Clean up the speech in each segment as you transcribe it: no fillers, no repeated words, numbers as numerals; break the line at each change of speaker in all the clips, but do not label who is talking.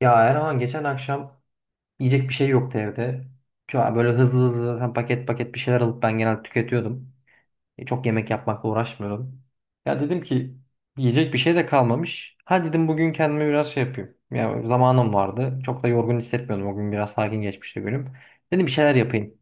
Ya Erhan geçen akşam yiyecek bir şey yoktu evde. Şu an böyle hızlı hızlı hem paket paket bir şeyler alıp ben genelde tüketiyordum. Çok yemek yapmakla uğraşmıyordum. Ya dedim ki yiyecek bir şey de kalmamış. Ha dedim bugün kendime biraz şey yapayım. Ya zamanım vardı. Çok da yorgun hissetmiyordum. O gün biraz sakin geçmişti günüm. Dedim bir şeyler yapayım.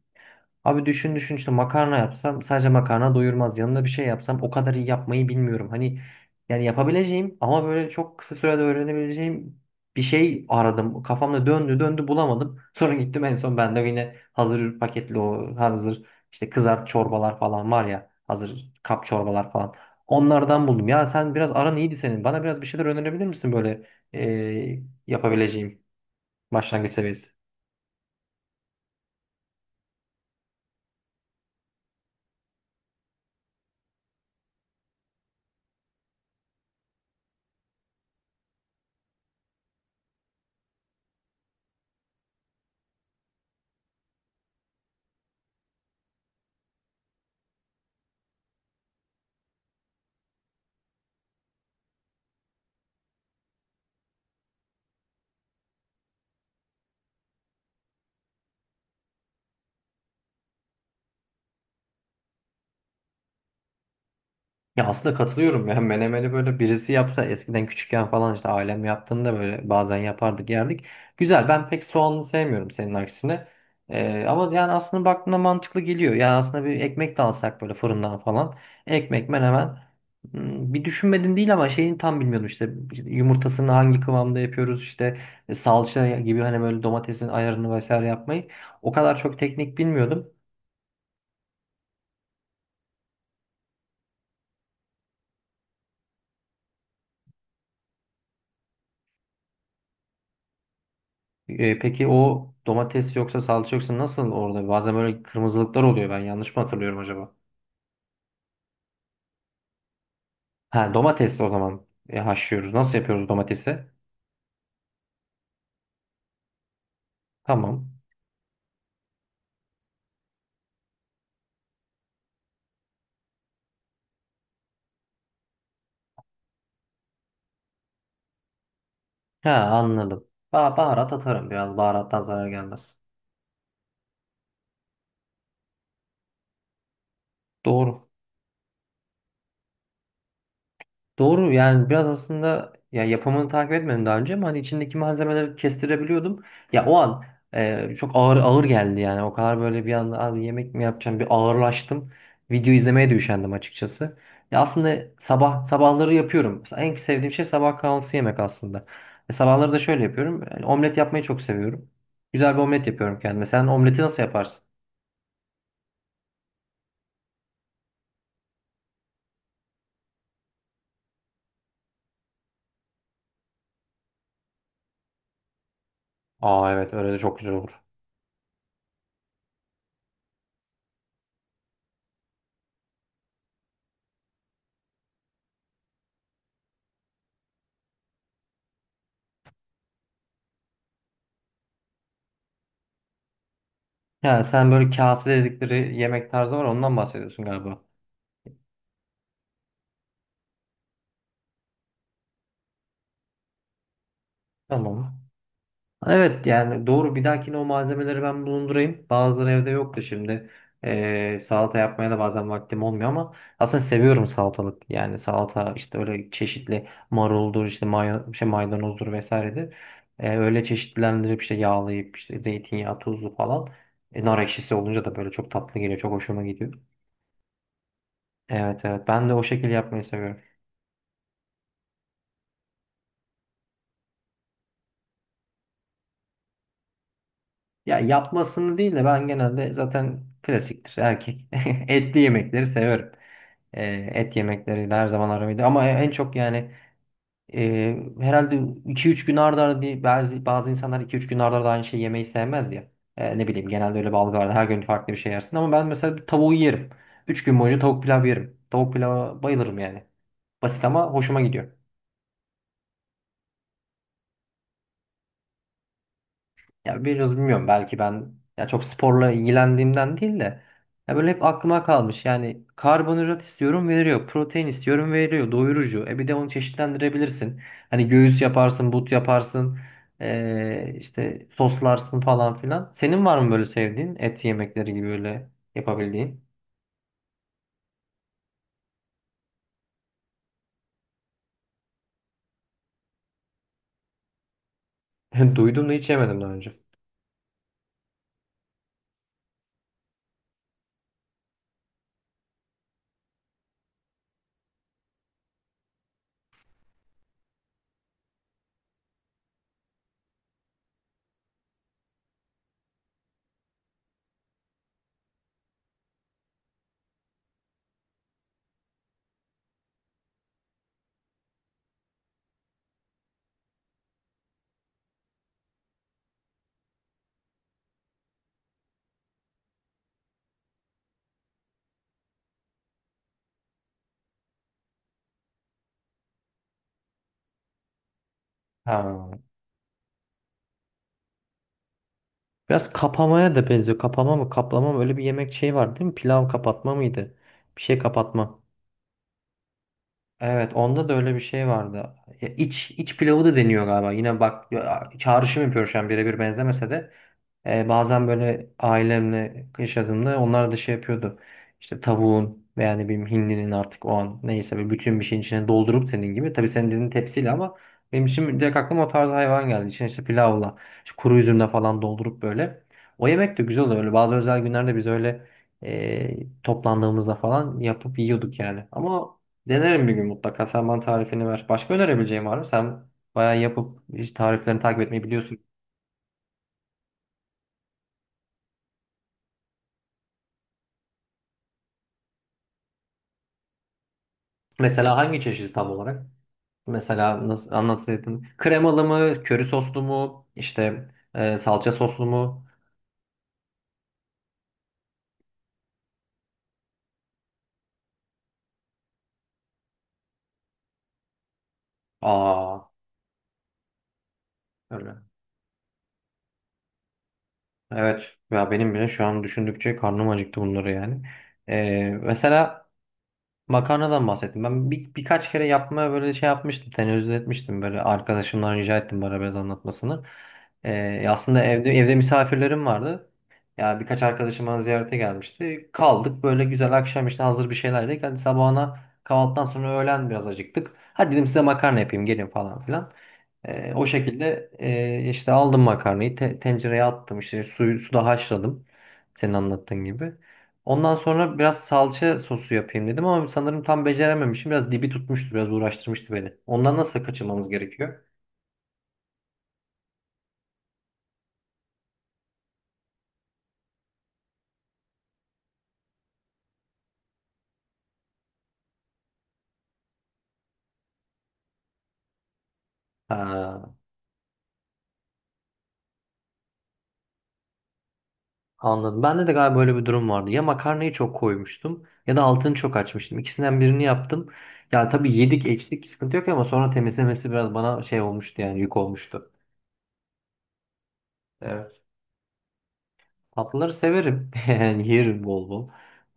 Abi düşün düşün işte makarna yapsam sadece makarna doyurmaz. Yanına bir şey yapsam o kadar iyi yapmayı bilmiyorum. Hani yani yapabileceğim ama böyle çok kısa sürede öğrenebileceğim bir şey aradım. Kafamda döndü döndü bulamadım. Sonra gittim en son ben de yine hazır paketli o hazır işte kızart çorbalar falan var ya hazır kap çorbalar falan. Onlardan buldum. Ya sen biraz aran iyiydi senin. Bana biraz bir şeyler önerebilir misin böyle yapabileceğim başlangıç seviyesi? Ya aslında katılıyorum ya menemeni böyle birisi yapsa eskiden küçükken falan işte ailem yaptığında böyle bazen yapardık yerdik. Güzel, ben pek soğanlı sevmiyorum senin aksine. Ama yani aslında baktığında mantıklı geliyor. Yani aslında bir ekmek de alsak böyle fırından falan. Ekmek menemen. Bir düşünmedim değil ama şeyini tam bilmiyordum işte yumurtasını hangi kıvamda yapıyoruz, işte salça gibi hani böyle domatesin ayarını vesaire yapmayı. O kadar çok teknik bilmiyordum. Peki o domates yoksa salça yoksa nasıl orada? Bazen böyle kırmızılıklar oluyor. Ben yanlış mı hatırlıyorum acaba? Ha, domates o zaman haşlıyoruz. Nasıl yapıyoruz domatesi? Tamam. Ha, anladım. Baharat atarım biraz. Baharattan zarar gelmez. Doğru. Doğru, yani biraz aslında ya yapımını takip etmedim daha önce ama hani içindeki malzemeleri kestirebiliyordum. Ya o an çok ağır ağır geldi, yani o kadar böyle bir anda abi yemek mi yapacağım, bir ağırlaştım. Video izlemeye de üşendim açıkçası. Ya aslında sabah sabahları yapıyorum. En sevdiğim şey sabah kahvaltısı yemek aslında. E, sabahları da şöyle yapıyorum. Yani omlet yapmayı çok seviyorum. Güzel bir omlet yapıyorum kendime. Sen omleti nasıl yaparsın? Aa evet, öyle de çok güzel olur. Yani sen böyle kase dedikleri yemek tarzı var, ondan bahsediyorsun galiba. Tamam. Evet, yani doğru, bir dahakine o malzemeleri ben bulundurayım. Bazıları evde yoktu şimdi. Salata yapmaya da bazen vaktim olmuyor ama aslında seviyorum salatalık. Yani salata işte öyle çeşitli maruldur, işte may şey maydanozdur vesairedir. Öyle çeşitlendirip işte yağlayıp işte zeytinyağı tuzlu falan. Nar ekşisi olunca da böyle çok tatlı geliyor. Çok hoşuma gidiyor. Evet evet, ben de o şekilde yapmayı seviyorum. Ya yapmasını değil de ben genelde zaten klasiktir erkek. Etli yemekleri severim. E, Et yemekleriyle her zaman aramıydı. Ama en çok yani herhalde iki üç gün arda arda değil, bazı, bazı insanlar iki üç gün arda arda aynı şeyi yemeyi sevmez ya. Ne bileyim, genelde öyle bir algı var. Her gün farklı bir şey yersin. Ama ben mesela bir tavuğu yerim. Üç gün boyunca tavuk pilav yerim. Tavuk pilava bayılırım yani. Basit ama hoşuma gidiyor. Ya biraz bilmiyorum, belki ben ya çok sporla ilgilendiğimden değil de ya böyle hep aklıma kalmış. Yani karbonhidrat istiyorum veriyor, protein istiyorum veriyor, doyurucu. E bir de onu çeşitlendirebilirsin. Hani göğüs yaparsın, but yaparsın, işte soslarsın falan filan. Senin var mı böyle sevdiğin et yemekleri gibi böyle yapabildiğin? Duydum da hiç yemedim daha önce. Ha. Biraz kapamaya da benziyor. Kapama mı, kaplama mı? Öyle bir yemek şey var değil mi? Pilav kapatma mıydı? Bir şey kapatma. Evet, onda da öyle bir şey vardı. Ya iç pilavı da deniyor galiba. Yine bak ya, çağrışım yapıyor şu an, birebir benzemese de. Bazen böyle ailemle yaşadığımda onlar da şey yapıyordu. İşte tavuğun veya ne bileyim hindinin artık, o an neyse, bir bütün bir şeyin içine doldurup senin gibi. Tabii senin dediğin tepsiyle ama benim için direkt aklıma o tarz hayvan geldi. İçine işte pilavla, işte kuru üzümle falan doldurup böyle. O yemek de güzel oluyor. Öyle bazı özel günlerde biz öyle toplandığımızda falan yapıp yiyorduk yani. Ama denerim bir gün mutlaka. Sen bana tarifini ver. Başka önerebileceğim var mı? Sen bayağı yapıp işte tariflerini takip etmeyi biliyorsun. Mesela hangi çeşidi tam olarak? Mesela nasıl anlatsaydın? Kremalı mı, köri soslu mu, işte salça soslu mu? Aa, öyle. Evet. Ya benim bile şu an düşündükçe karnım acıktı bunları yani. Mesela makarnadan bahsettim. Ben birkaç kere yapmaya böyle şey yapmıştım. Tenezzül etmiştim. Böyle arkadaşımdan rica ettim bana biraz anlatmasını. Aslında evde misafirlerim vardı. Ya birkaç arkadaşım bana ziyarete gelmişti. Kaldık böyle güzel akşam, işte hazır bir şeyler yedik. Hadi sabahına kahvaltıdan sonra öğlen biraz acıktık. Hadi dedim size makarna yapayım gelin falan filan. O şekilde işte aldım makarnayı tencereye attım, işte suyu suda haşladım. Senin anlattığın gibi. Ondan sonra biraz salça sosu yapayım dedim ama sanırım tam becerememişim. Biraz dibi tutmuştu, biraz uğraştırmıştı beni. Ondan nasıl kaçınmamız gerekiyor? Ha, anladım. Bende de galiba böyle bir durum vardı. Ya makarnayı çok koymuştum ya da altını çok açmıştım. İkisinden birini yaptım. Yani tabii yedik içtik sıkıntı yok ama sonra temizlemesi biraz bana şey olmuştu, yani yük olmuştu. Evet. Tatlıları severim. Yani yerim bol bol.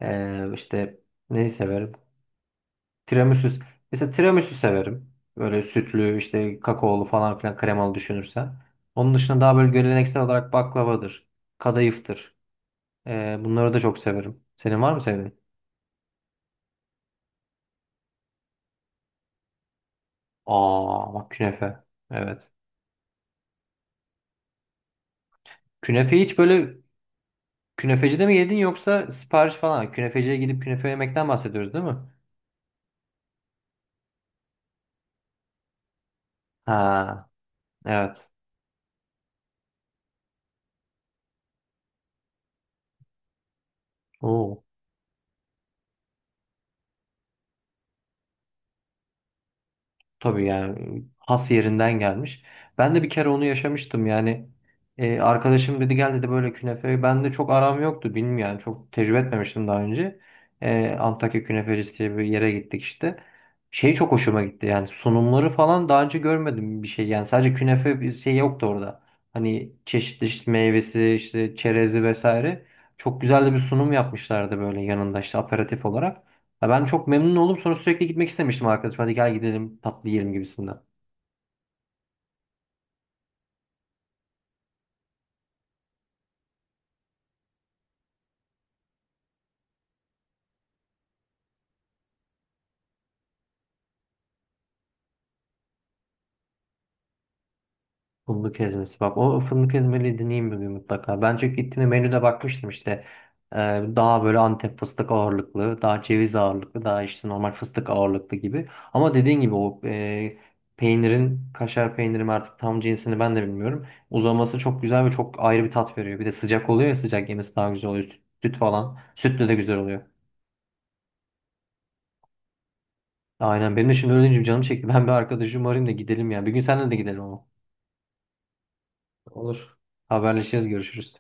İşte neyi severim? Tiramisu. Mesela tiramisu severim. Böyle sütlü, işte kakaolu falan filan kremalı düşünürsen. Onun dışında daha böyle geleneksel olarak baklavadır. Kadayıftır. Bunları da çok severim. Senin var mı sevdiğin? Aa bak, künefe. Evet. Künefeyi hiç böyle künefecide mi yedin yoksa sipariş falan? Künefeciye gidip künefe yemekten bahsediyoruz değil mi? Ha, evet. Oo. Tabii yani, has yerinden gelmiş. Ben de bir kere onu yaşamıştım yani. Arkadaşım dedi gel dedi böyle künefe. Ben de çok aram yoktu, bilmiyorum yani çok tecrübe etmemiştim daha önce. Antakya Künefecisi diye bir yere gittik işte. Şey çok hoşuma gitti yani, sunumları falan daha önce görmedim, bir şey yani sadece künefe, bir şey yoktu orada. Hani çeşitli işte meyvesi, işte çerezi vesaire. Çok güzel de bir sunum yapmışlardı böyle yanında işte aperatif olarak. Ya ben çok memnun oldum. Sonra sürekli gitmek istemiştim arkadaşım. Hadi gel gidelim tatlı yiyelim gibisinden. Fındık ezmesi. Bak, o fındık ezmeliği deneyeyim bir gün mutlaka. Bence gittiğimde menüde bakmıştım işte. Ee, Daha böyle Antep fıstık ağırlıklı, daha ceviz ağırlıklı, daha işte normal fıstık ağırlıklı gibi. Ama dediğin gibi o peynirin, kaşar peynirim artık tam cinsini ben de bilmiyorum. Uzaması çok güzel ve çok ayrı bir tat veriyor. Bir de sıcak oluyor ya, sıcak yemesi daha güzel oluyor. Süt, süt falan. Sütle de güzel oluyor. Aynen, benim de şimdi öyle deyince canım çekti. Ben bir arkadaşımı arayayım da gidelim ya. Bir gün seninle de gidelim ama. Olur. Haberleşiriz, görüşürüz.